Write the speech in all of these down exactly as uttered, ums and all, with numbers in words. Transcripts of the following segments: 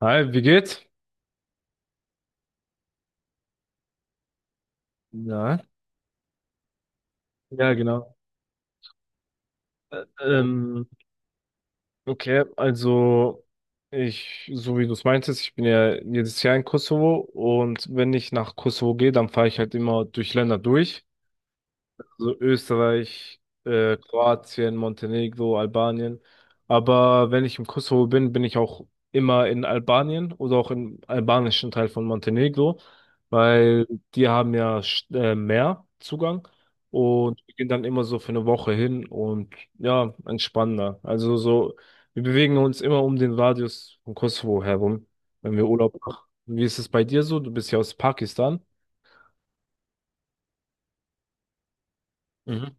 Hi, wie geht's? Ja, ja, genau. Ähm, okay, also ich, so wie du es meintest, ich bin ja jedes Jahr in Kosovo, und wenn ich nach Kosovo gehe, dann fahre ich halt immer durch Länder durch. So Österreich, äh, Kroatien, Montenegro, Albanien. Aber wenn ich im Kosovo bin, bin ich auch immer in Albanien oder auch im albanischen Teil von Montenegro, weil die haben ja sch- äh, mehr Zugang, und wir gehen dann immer so für eine Woche hin und ja, entspannender. Also so, wir bewegen uns immer um den Radius von Kosovo herum, wenn wir Urlaub machen. Wie ist es bei dir so? Du bist ja aus Pakistan. Mhm.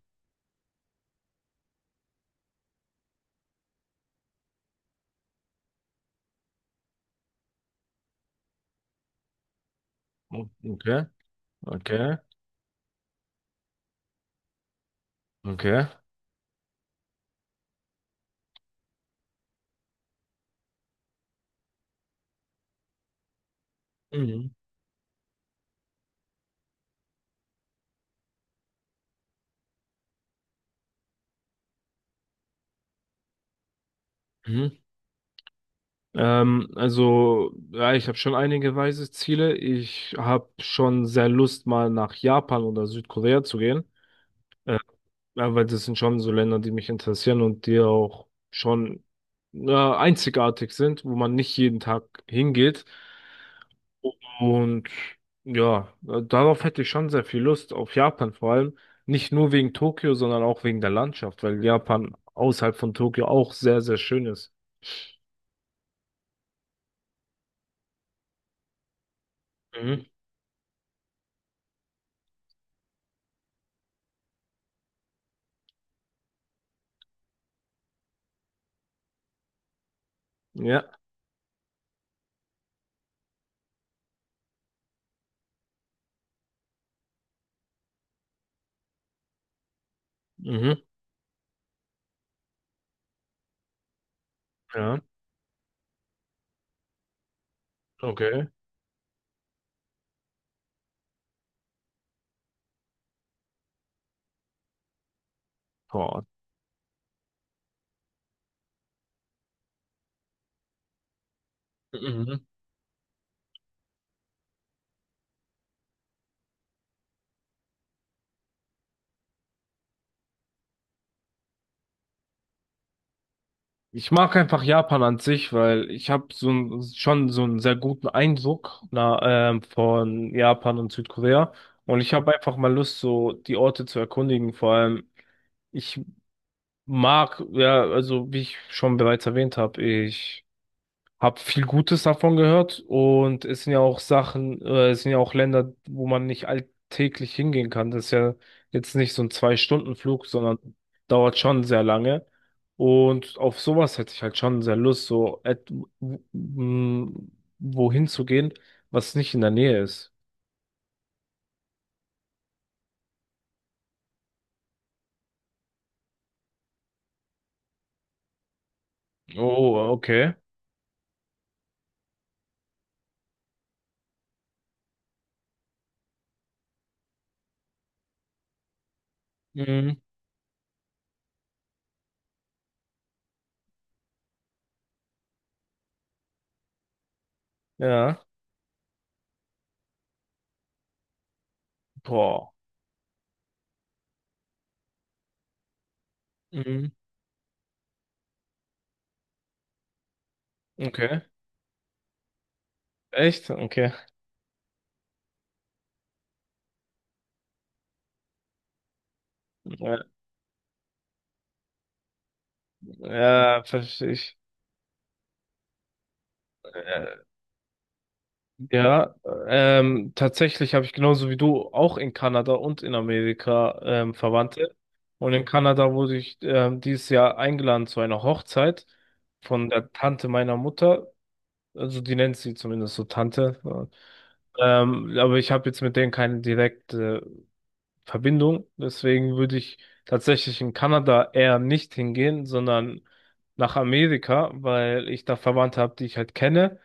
Okay, okay, okay. Mhm. Mhm. Ähm, also, ja, ich habe schon einige weise Ziele. Ich habe schon sehr Lust, mal nach Japan oder Südkorea zu gehen. Äh, ja, weil das sind schon so Länder, die mich interessieren und die auch schon äh, einzigartig sind, wo man nicht jeden Tag hingeht. Und ja, äh, darauf hätte ich schon sehr viel Lust, auf Japan vor allem. Nicht nur wegen Tokio, sondern auch wegen der Landschaft, weil Japan außerhalb von Tokio auch sehr, sehr schön ist. Mhm. Ja. Mhm. Ja, okay. Boah. Mhm. Ich mag einfach Japan an sich, weil ich habe so ein, schon so einen sehr guten Eindruck na, ähm, von Japan und Südkorea. Und ich habe einfach mal Lust, so die Orte zu erkundigen. Vor allem, ich mag, ja, also wie ich schon bereits erwähnt habe, ich hab viel Gutes davon gehört, und es sind ja auch Sachen, äh, es sind ja auch Länder, wo man nicht alltäglich hingehen kann. Das ist ja jetzt nicht so ein Zwei-Stunden-Flug, sondern dauert schon sehr lange. Und auf sowas hätte ich halt schon sehr Lust, so et- w- m, wohin zu gehen, was nicht in der Nähe ist. Oh, okay. Mhm. Ja. Boah. Mhm. Okay. Echt? Okay. Ja, ja, verstehe ich. Ja, ähm, tatsächlich habe ich, genauso wie du, auch in Kanada und in Amerika ähm, Verwandte. Und in Kanada wurde ich ähm, dieses Jahr eingeladen zu einer Hochzeit von der Tante meiner Mutter. Also die nennt sie zumindest so Tante. Ähm, aber ich habe jetzt mit denen keine direkte Verbindung. Deswegen würde ich tatsächlich in Kanada eher nicht hingehen, sondern nach Amerika, weil ich da Verwandte habe, die ich halt kenne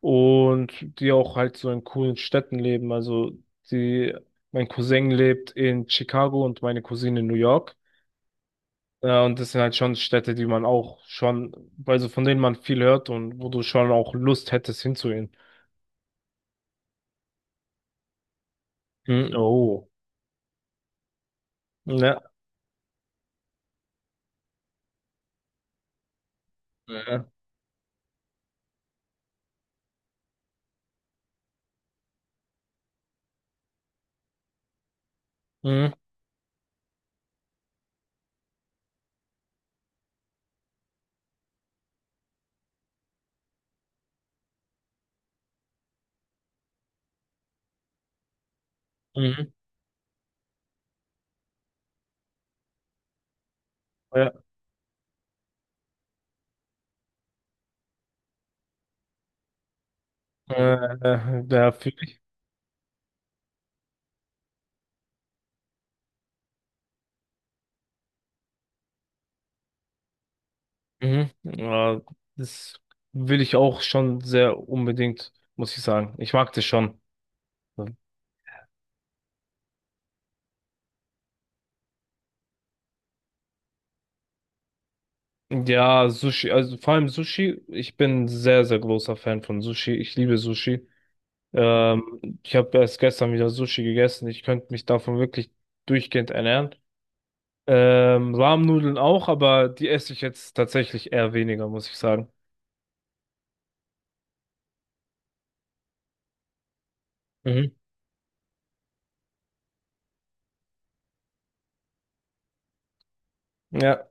und die auch halt so in coolen Städten leben. Also die, mein Cousin lebt in Chicago und meine Cousine in New York. Äh, Und das sind halt schon Städte, die man auch schon, also von denen man viel hört und wo du schon auch Lust hättest hinzugehen. Hm, oh. Ja. Ja. Mhm. Mhm. Ja. Äh, ja, fühl ich. Mhm. Ja, das will ich auch schon sehr unbedingt, muss ich sagen. Ich mag das schon. Ja, Sushi, also vor allem Sushi. Ich bin sehr, sehr großer Fan von Sushi. Ich liebe Sushi. Ähm, ich habe erst gestern wieder Sushi gegessen. Ich könnte mich davon wirklich durchgehend ernähren. Ähm, Rahmnudeln auch, aber die esse ich jetzt tatsächlich eher weniger, muss ich sagen. Mhm. Ja,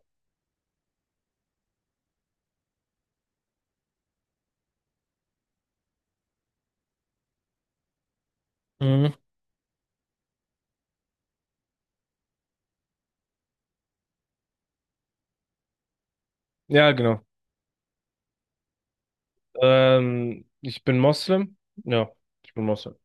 mhm. Ja, genau. Ähm, ich bin Moslem. Ja, ich bin Moslem.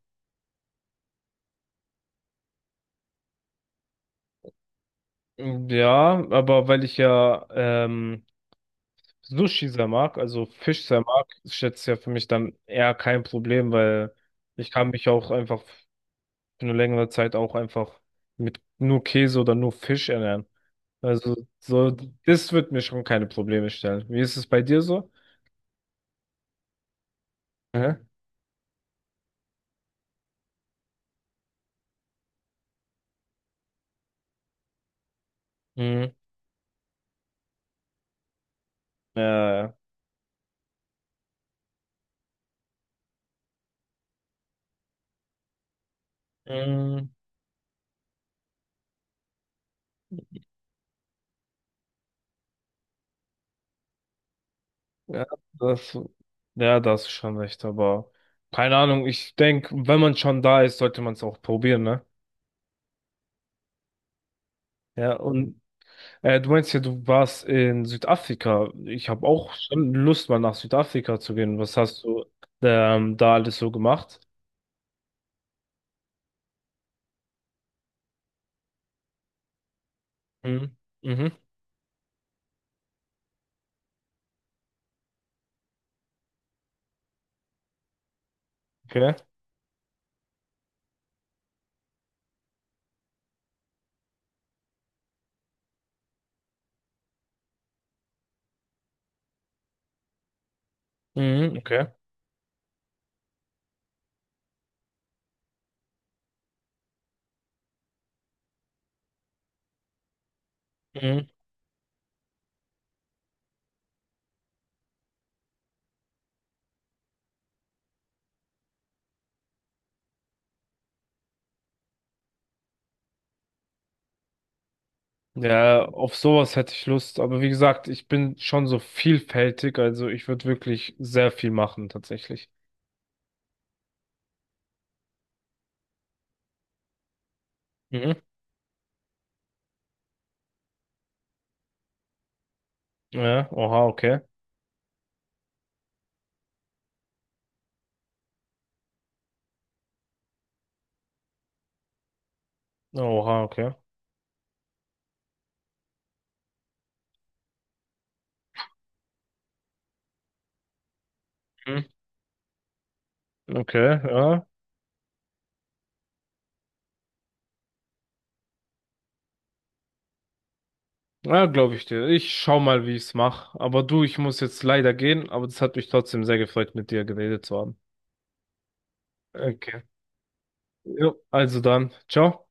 Ja, aber weil ich ja ähm, Sushi sehr mag, also Fisch sehr mag, ist jetzt ja für mich dann eher kein Problem, weil ich kann mich auch einfach für eine längere Zeit auch einfach mit nur Käse oder nur Fisch ernähren. Also so, das wird mir schon keine Probleme stellen. Wie ist es bei dir so? Aha. Mhm. Äh, mh, ja, das, ja, da hast du schon recht, aber keine Ahnung, ich denke, wenn man schon da ist, sollte man es auch probieren, ne? Ja, und Äh, du meinst ja, du warst in Südafrika. Ich habe auch schon Lust, mal nach Südafrika zu gehen. Was hast du ähm, da alles so gemacht? Mhm. Mhm. Okay. Mhm. Okay. Mhm. Ja, auf sowas hätte ich Lust. Aber wie gesagt, ich bin schon so vielfältig. Also ich würde wirklich sehr viel machen, tatsächlich. Mhm. Ja. Oha, okay. Oha, okay. Mhm. Okay, ja. Ja, glaube ich dir. Ich schau mal, wie ich's mache. Aber du, ich muss jetzt leider gehen, aber das hat mich trotzdem sehr gefreut, mit dir geredet zu haben. Okay. Jo, also dann, ciao.